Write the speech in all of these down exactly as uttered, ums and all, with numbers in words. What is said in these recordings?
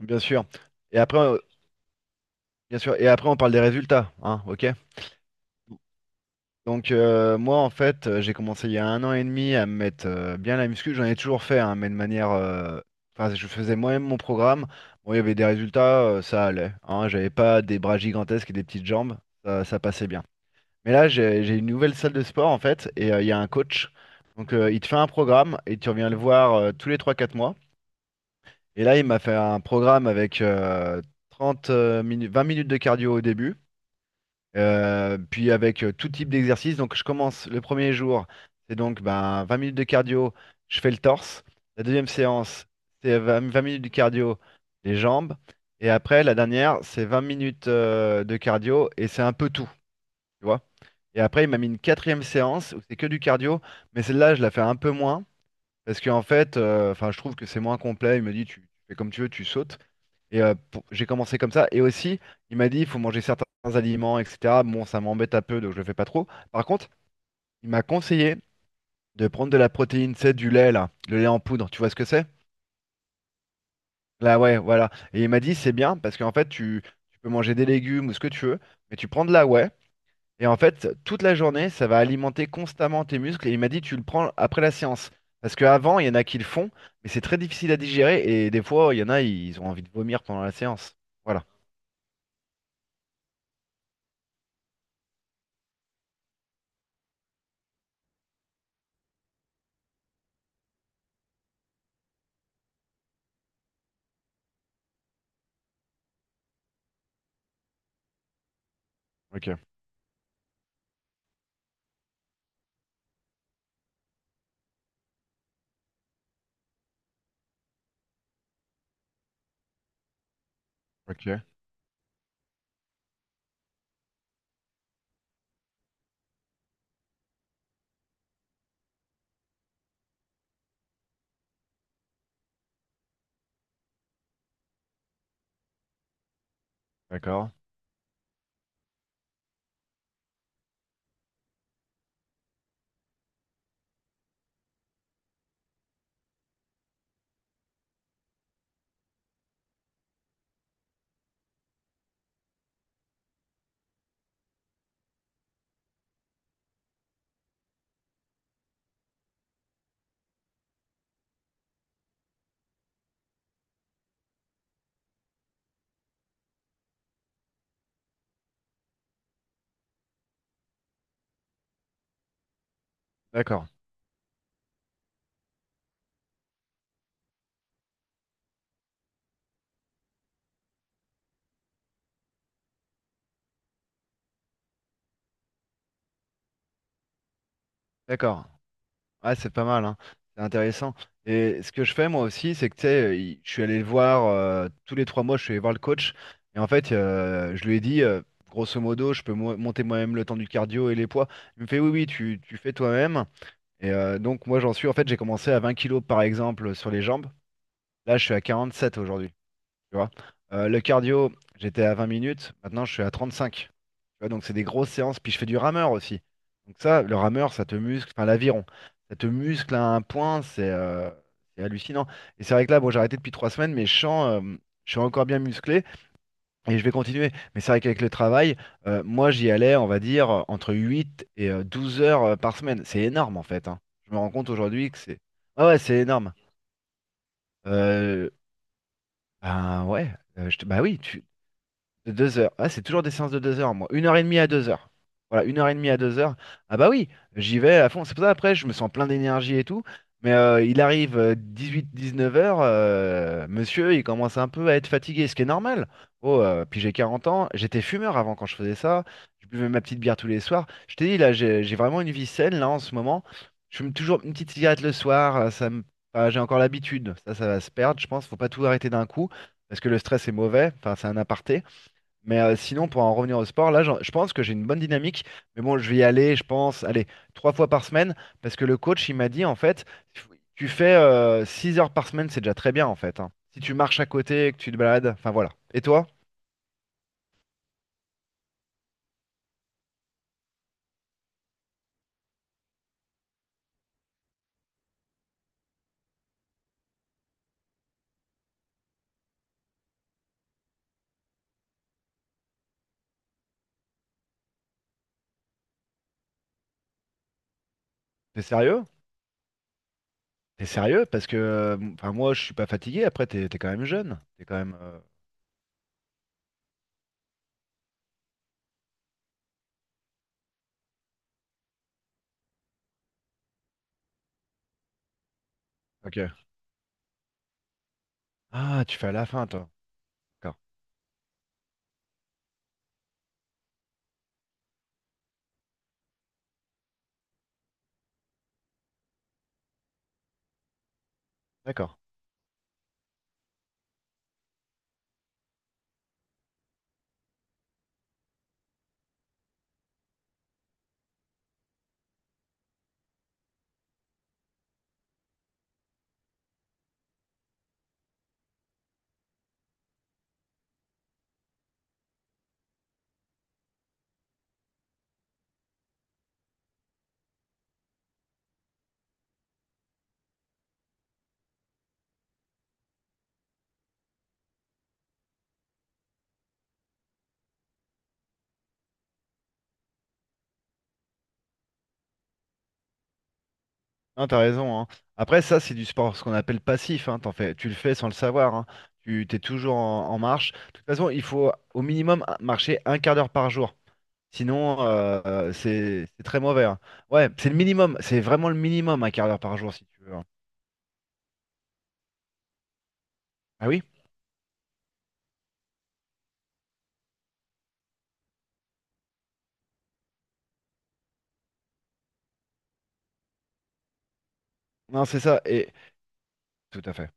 Bien sûr. Et après, euh, bien sûr. Et après, on parle des résultats, hein, ok? Donc euh, moi, en fait, euh, j'ai commencé il y a un an et demi à me mettre euh, bien la muscu. J'en ai toujours fait, hein, mais de manière, euh, enfin, je faisais moi-même mon programme. Bon, il y avait des résultats, euh, ça allait. Hein, j'avais pas des bras gigantesques et des petites jambes, ça, ça passait bien. Mais là, j'ai j'ai une nouvelle salle de sport en fait, et euh, il y a un coach. Donc euh, il te fait un programme et tu reviens le voir euh, tous les trois, quatre mois. Et là, il m'a fait un programme avec euh, trente minutes, vingt minutes de cardio au début. Euh, puis avec euh, tout type d'exercice. Donc je commence le premier jour, c'est donc ben, vingt minutes de cardio, je fais le torse. La deuxième séance, c'est vingt vingt minutes de cardio, les jambes. Et après, la dernière, c'est vingt minutes euh, de cardio et c'est un peu tout, tu vois. Et après, il m'a mis une quatrième séance où c'est que du cardio, mais celle-là, je la fais un peu moins parce qu'en fait, euh, enfin, je trouve que c'est moins complet. Il me dit, tu fais comme tu veux, tu sautes. Et euh, pour- j'ai commencé comme ça. Et aussi, il m'a dit, il faut manger certains aliments, et cetera. Bon, ça m'embête un peu, donc je le fais pas trop. Par contre, il m'a conseillé de prendre de la protéine, c'est du lait, là, le lait en poudre. Tu vois ce que c'est? Là, ouais, voilà. Et il m'a dit, c'est bien parce qu'en fait, tu, tu peux manger des légumes ou ce que tu veux, mais tu prends de la whey. Et en fait, toute la journée, ça va alimenter constamment tes muscles. Et il m'a dit, tu le prends après la séance. Parce qu'avant, il y en a qui le font, mais c'est très difficile à digérer. Et des fois, il y en a, ils ont envie de vomir pendant la séance. Voilà. Ok, ok, d'accord. D'accord, d'accord. Ah, c'est pas mal, hein. C'est intéressant. Et ce que je fais moi aussi, c'est que tu sais, euh, il- je suis allé le voir euh, tous les trois mois, je suis allé voir le coach. Et en fait, euh, je lui ai dit, euh, grosso modo, je peux mo- monter moi-même le temps du cardio et les poids. Il me fait, oui, oui, tu, tu fais toi-même. Et euh, donc, moi, j'en suis, en fait, j'ai commencé à vingt kilos par exemple sur les jambes. Là, je suis à quarante-sept aujourd'hui. Tu vois. Euh, le cardio, j'étais à vingt minutes. Maintenant, je suis à trente-cinq. Tu vois, donc c'est des grosses séances. Puis je fais du rameur aussi. Donc ça, le rameur, ça te muscle, enfin l'aviron, ça te muscle à un point, c'est euh, c'est hallucinant. Et c'est vrai que là, bon, j'ai arrêté depuis trois semaines, mais je sens, euh, je suis encore bien musclé et je vais continuer. Mais c'est vrai qu'avec le travail, euh, moi j'y allais, on va dire, euh, entre huit et euh, douze heures euh, par semaine. C'est énorme en fait, hein. Je me rends compte aujourd'hui que c'est... Ah ouais, c'est énorme. Euh, ben ouais, euh, je te- bah oui, tu, de deux heures. Ah, c'est toujours des séances de deux heures, moi. Une heure et demie à deux heures. Voilà, une heure et demie à deux heures. Ah bah oui, j'y vais à fond. C'est pour ça, après, je me sens plein d'énergie et tout. Mais euh, il arrive dix-huit dix-neuf heures, euh, monsieur, il commence un peu à être fatigué, ce qui est normal. Oh, euh, puis j'ai quarante ans, j'étais fumeur avant quand je faisais ça. Je buvais ma petite bière tous les soirs. Je t'ai dit, là, j'ai j'ai vraiment une vie saine, là, en ce moment. Je fume toujours une petite cigarette le soir, euh, ça me... enfin, j'ai encore l'habitude. Ça, ça va se perdre, je pense. Faut pas tout arrêter d'un coup, parce que le stress est mauvais. Enfin, c'est un aparté. Mais euh, sinon, pour en revenir au sport, là, j'en- je pense que j'ai une bonne dynamique. Mais bon, je vais y aller, je pense, allez, trois fois par semaine, parce que le coach, il m'a dit, en fait, tu fais euh, six heures par semaine, c'est déjà très bien, en fait, hein. Si tu marches à côté, et que tu te balades, enfin voilà. Et toi, t'es sérieux? T'es sérieux? Parce que, euh, enfin, moi, je suis pas fatigué. Après, t'es t'es quand même jeune. T'es quand même. euh, Ok. Ah, tu fais à la fin, toi. D'accord. D'accord. Non, t'as raison, hein. Après, ça, c'est du sport, ce qu'on appelle passif, hein. T'en fais, tu le fais sans le savoir, hein. Tu t'es toujours en, en marche. De toute façon, il faut au minimum un- marcher un quart d'heure par jour. Sinon, euh, euh, c'est c'est très mauvais, hein. Ouais, c'est le minimum. C'est vraiment le minimum, un quart d'heure par jour, si tu veux, hein. Ah oui? Non, c'est ça. Et tout à fait.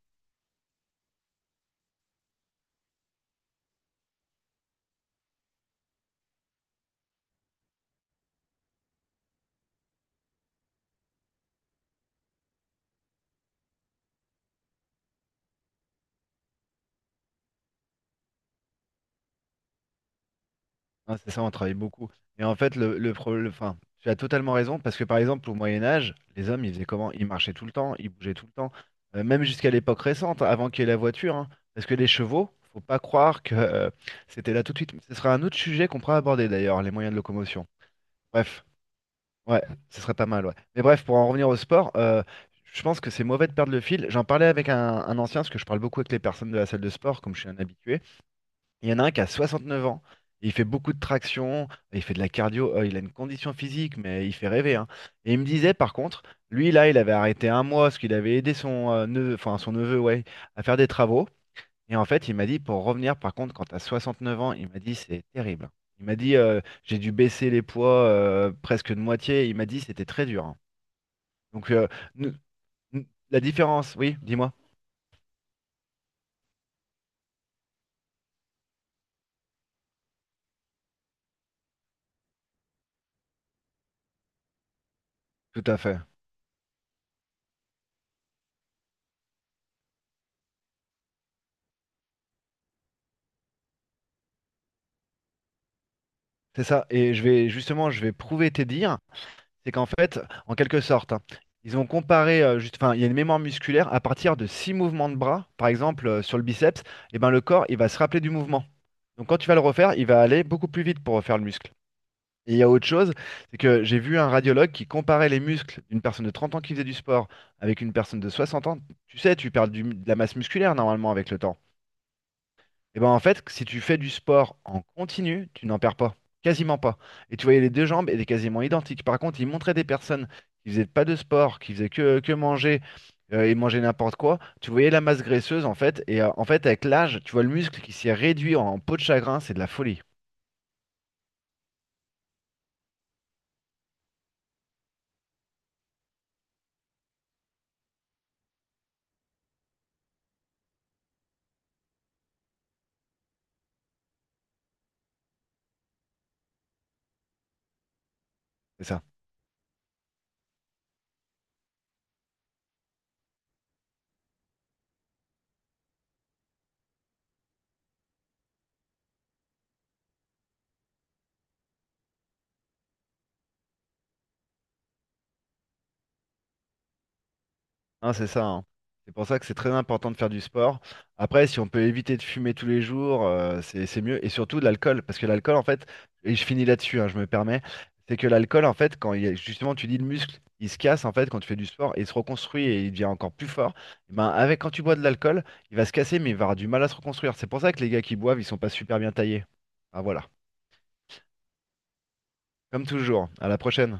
Ah, c'est ça, on travaille beaucoup. Et en fait, le, le problème, enfin, tu as totalement raison, parce que par exemple, au Moyen Âge, les hommes, ils faisaient comment? Ils marchaient tout le temps, ils bougeaient tout le temps. Euh, même jusqu'à l'époque récente, avant qu'il y ait la voiture, hein, parce que les chevaux, faut pas croire que euh, c'était là tout de suite. Ce sera un autre sujet qu'on pourra aborder d'ailleurs, les moyens de locomotion. Bref, ouais, ce serait pas mal, ouais. Mais bref, pour en revenir au sport, euh, je pense que c'est mauvais de perdre le fil. J'en parlais avec un, un ancien, parce que je parle beaucoup avec les personnes de la salle de sport, comme je suis un habitué. Il y en a un qui a soixante-neuf ans. Il fait beaucoup de traction, il fait de la cardio, euh, il a une condition physique, mais il fait rêver, hein. Et il me disait par contre, lui là, il avait arrêté un mois parce qu'il avait aidé son euh, neveu, enfin son neveu, ouais, à faire des travaux. Et en fait, il m'a dit pour revenir, par contre, quand t'as soixante-neuf ans, il m'a dit c'est terrible. Il m'a dit euh, j'ai dû baisser les poids euh, presque de moitié. Il m'a dit c'était très dur, hein. Donc euh, nous- nous- la différence, oui, dis-moi. Tout à fait. C'est ça. Et je vais justement, je vais prouver tes dires, c'est qu'en fait, en quelque sorte, hein, ils ont comparé, euh, juste, enfin, il y a une mémoire musculaire à partir de six mouvements de bras, par exemple euh, sur le biceps, et ben le corps, il va se rappeler du mouvement. Donc quand tu vas le refaire, il va aller beaucoup plus vite pour refaire le muscle. Et il y a autre chose, c'est que j'ai vu un radiologue qui comparait les muscles d'une personne de trente ans qui faisait du sport avec une personne de soixante ans. Tu sais, tu perds du- de la masse musculaire normalement avec le temps. Et ben en fait, si tu fais du sport en continu, tu n'en perds pas, quasiment pas. Et tu voyais les deux jambes, elles étaient quasiment identiques. Par contre, ils montraient des personnes qui faisaient pas de sport, qui faisaient que, que manger euh, et manger n'importe quoi. Tu voyais la masse graisseuse en fait, et euh, en fait avec l'âge, tu vois le muscle qui s'est réduit en peau de chagrin, c'est de la folie. C'est ça. Hein, c'est ça, hein. C'est pour ça que c'est très important de faire du sport. Après, si on peut éviter de fumer tous les jours, euh, c'est c'est mieux. Et surtout de l'alcool, parce que l'alcool, en fait, et je finis là-dessus, hein, je me permets, c'est que l'alcool, en fait, quand il y a- justement tu dis le muscle, il se casse en fait quand tu fais du sport, et il se reconstruit et il devient encore plus fort. Et ben avec quand tu bois de l'alcool, il va se casser, mais il va avoir du mal à se reconstruire. C'est pour ça que les gars qui boivent, ils sont pas super bien taillés. Ah voilà. Comme toujours. À la prochaine.